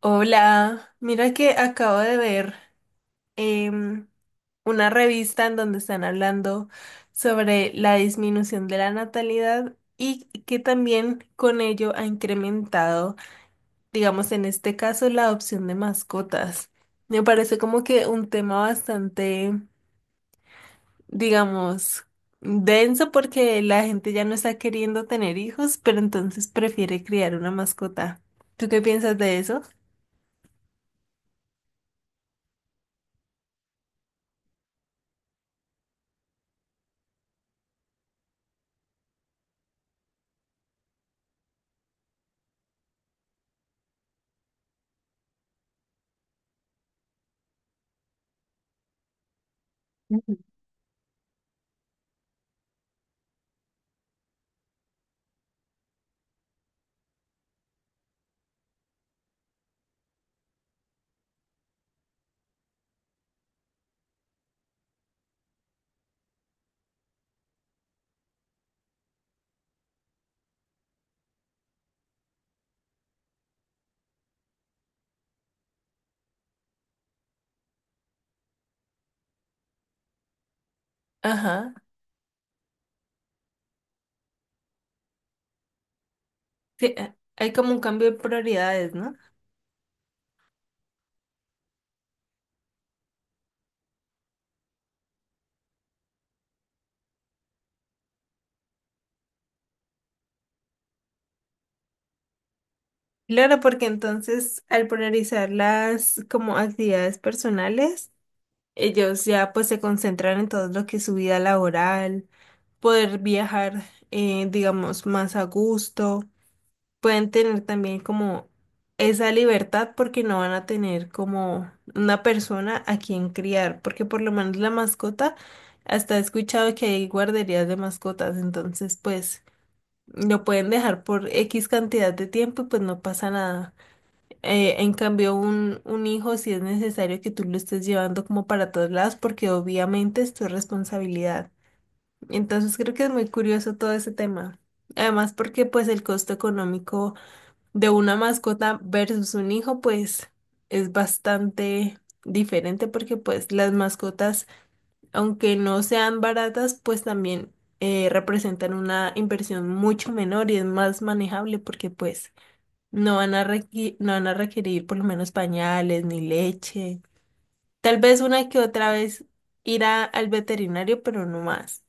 Hola, mira que acabo de ver em, una revista en donde están hablando sobre la disminución de la natalidad y que también con ello ha incrementado, digamos en este caso, la adopción de mascotas. Me parece como que un tema bastante, digamos, denso porque la gente ya no está queriendo tener hijos, pero entonces prefiere criar una mascota. ¿Tú qué piensas de eso? Ajá. Sí, hay como un cambio de prioridades, ¿no? Claro, porque entonces al priorizar las como actividades personales, ellos ya pues se concentran en todo lo que es su vida laboral, poder viajar, digamos, más a gusto, pueden tener también como esa libertad porque no van a tener como una persona a quien criar, porque por lo menos la mascota, hasta he escuchado que hay guarderías de mascotas, entonces pues... Lo pueden dejar por X cantidad de tiempo y pues no pasa nada. En cambio, un hijo si es necesario que tú lo estés llevando como para todos lados porque obviamente es tu responsabilidad. Entonces creo que es muy curioso todo ese tema. Además porque pues el costo económico de una mascota versus un hijo pues es bastante diferente porque pues las mascotas aunque no sean baratas, pues también representan una inversión mucho menor y es más manejable porque pues no van a requerir por lo menos pañales ni leche. Tal vez una que otra vez al veterinario, pero no más.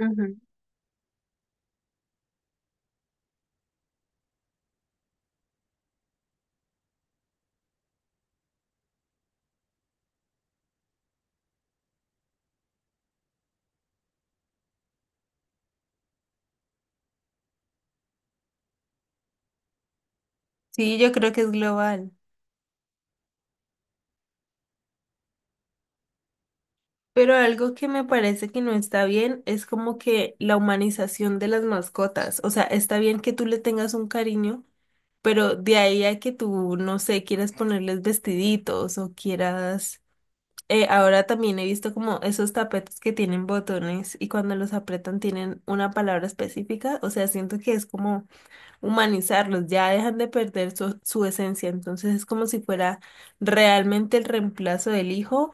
Ujú. Sí, yo creo que es global. Pero algo que me parece que no está bien es como que la humanización de las mascotas. O sea, está bien que tú le tengas un cariño, pero de ahí a que tú, no sé, quieras ponerles vestiditos o quieras... ahora también he visto como esos tapetes que tienen botones y cuando los apretan tienen una palabra específica. O sea, siento que es como humanizarlos, ya dejan de perder su esencia. Entonces es como si fuera realmente el reemplazo del hijo,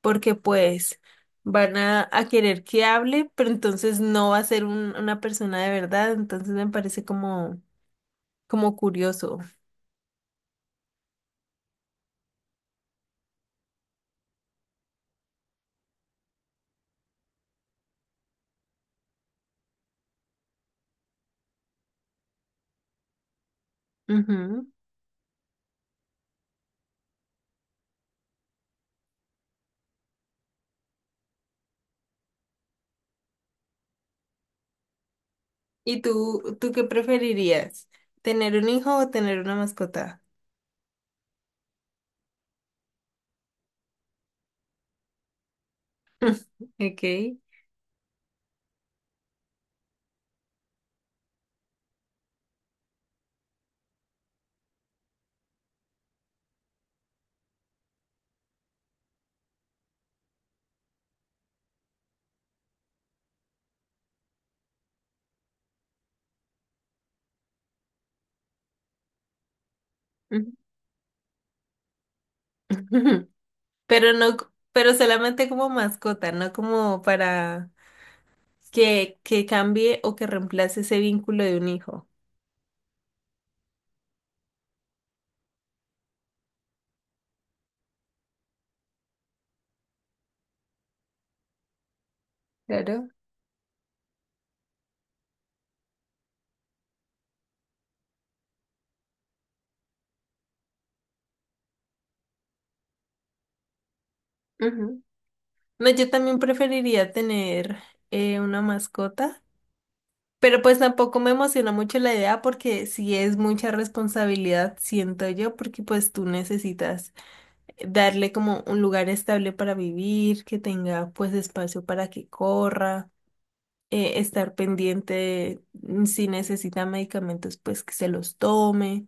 porque pues van a querer que hable, pero entonces no va a ser una persona de verdad. Entonces me parece como curioso. Ujú. ¿Y tú qué preferirías? ¿Tener un hijo o tener una mascota? Ok. Ujú. Pero no, c- pero solamente como mascota, no como para que cambie o que reemplace ese vínculo de un hijo. Claro. Ujú. No, yo también preferiría tener una mascota, pero pues tampoco me emociona mucho la idea porque sí es mucha responsabilidad, siento yo, porque pues tú necesitas darle como un lugar estable para vivir, que tenga pues espacio para que corra, estar pendiente si necesita medicamentos pues que se los tome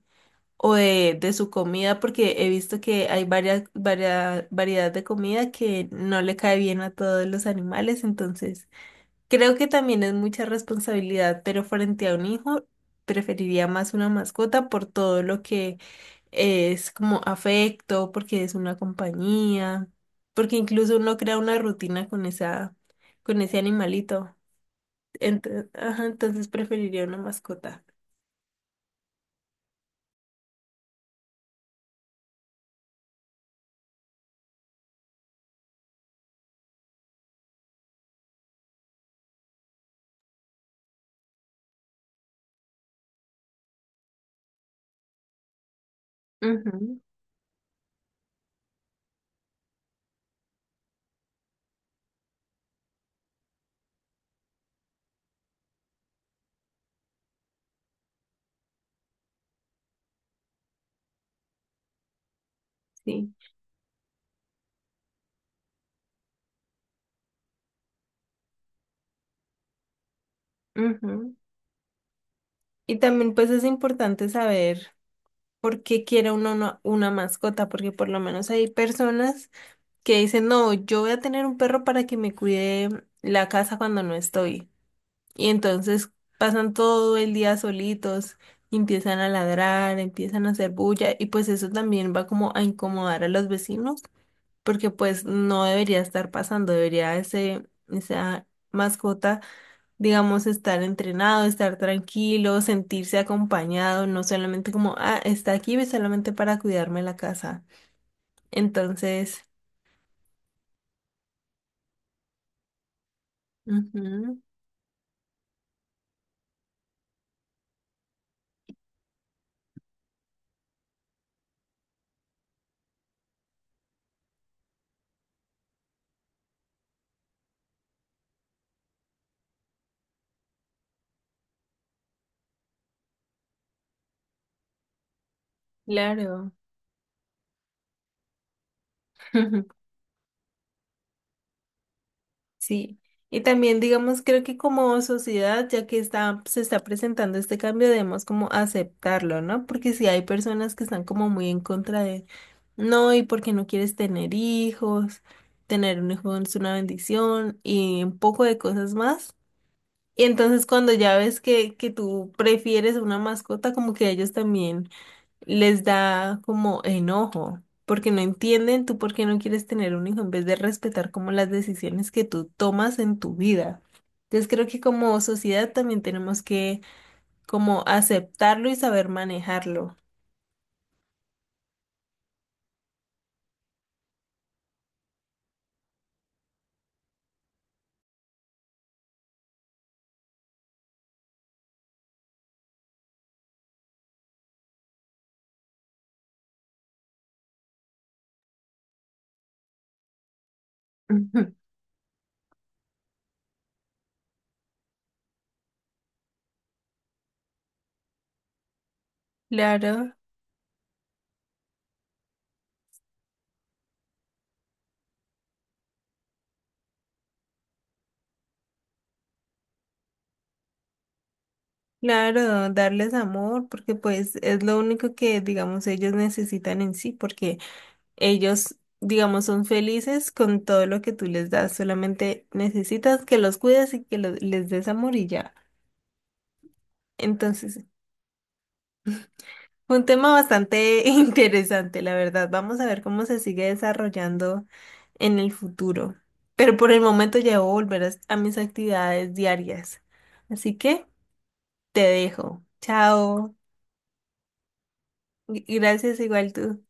o de su comida porque he visto que hay varias variedad de comida que no le cae bien a todos los animales, entonces creo que también es mucha responsabilidad, pero frente a un hijo preferiría más una mascota por todo lo que es como afecto, porque es una compañía, porque incluso uno crea una rutina con con ese animalito. Entonces, ajá, entonces preferiría una mascota. Ujú, sí. Ujú. Y también pues es importante saber por qué quiere uno una mascota, porque por lo menos hay personas que dicen, no, yo voy a tener un perro para que me cuide la casa cuando no estoy. Y entonces pasan todo el día solitos, y empiezan a ladrar, empiezan a hacer bulla y pues eso también va como a incomodar a los vecinos, porque pues no debería estar pasando, debería esa mascota, digamos, estar entrenado, estar tranquilo, sentirse acompañado, no solamente como, ah, está aquí solamente para cuidarme la casa. Entonces, ujú, claro. Ujú, sí, y también digamos, creo que como sociedad, ya que se está presentando este cambio, debemos como aceptarlo, ¿no? Porque si hay personas que están como muy en contra de, no, y porque no quieres tener hijos, tener un hijo es una bendición y un poco de cosas más. Y entonces cuando ya ves que tú prefieres una mascota, como que ellos también... les da como enojo, porque no entienden tú por qué no quieres tener un hijo en vez de respetar como las decisiones que tú tomas en tu vida. Entonces creo que como sociedad también tenemos que como aceptarlo y saber manejarlo. Ujú. Claro, claro, darles amor, porque pues es lo único que, digamos, ellos necesitan en sí, porque ellos, digamos, son felices con todo lo que tú les das, solamente necesitas que los cuides y que les des amor y ya. Entonces, fue un tema bastante interesante, la verdad. Vamos a ver cómo se sigue desarrollando en el futuro. Pero por el momento ya debo volver a mis actividades diarias. Así que te dejo. Chao. Gracias igual tú.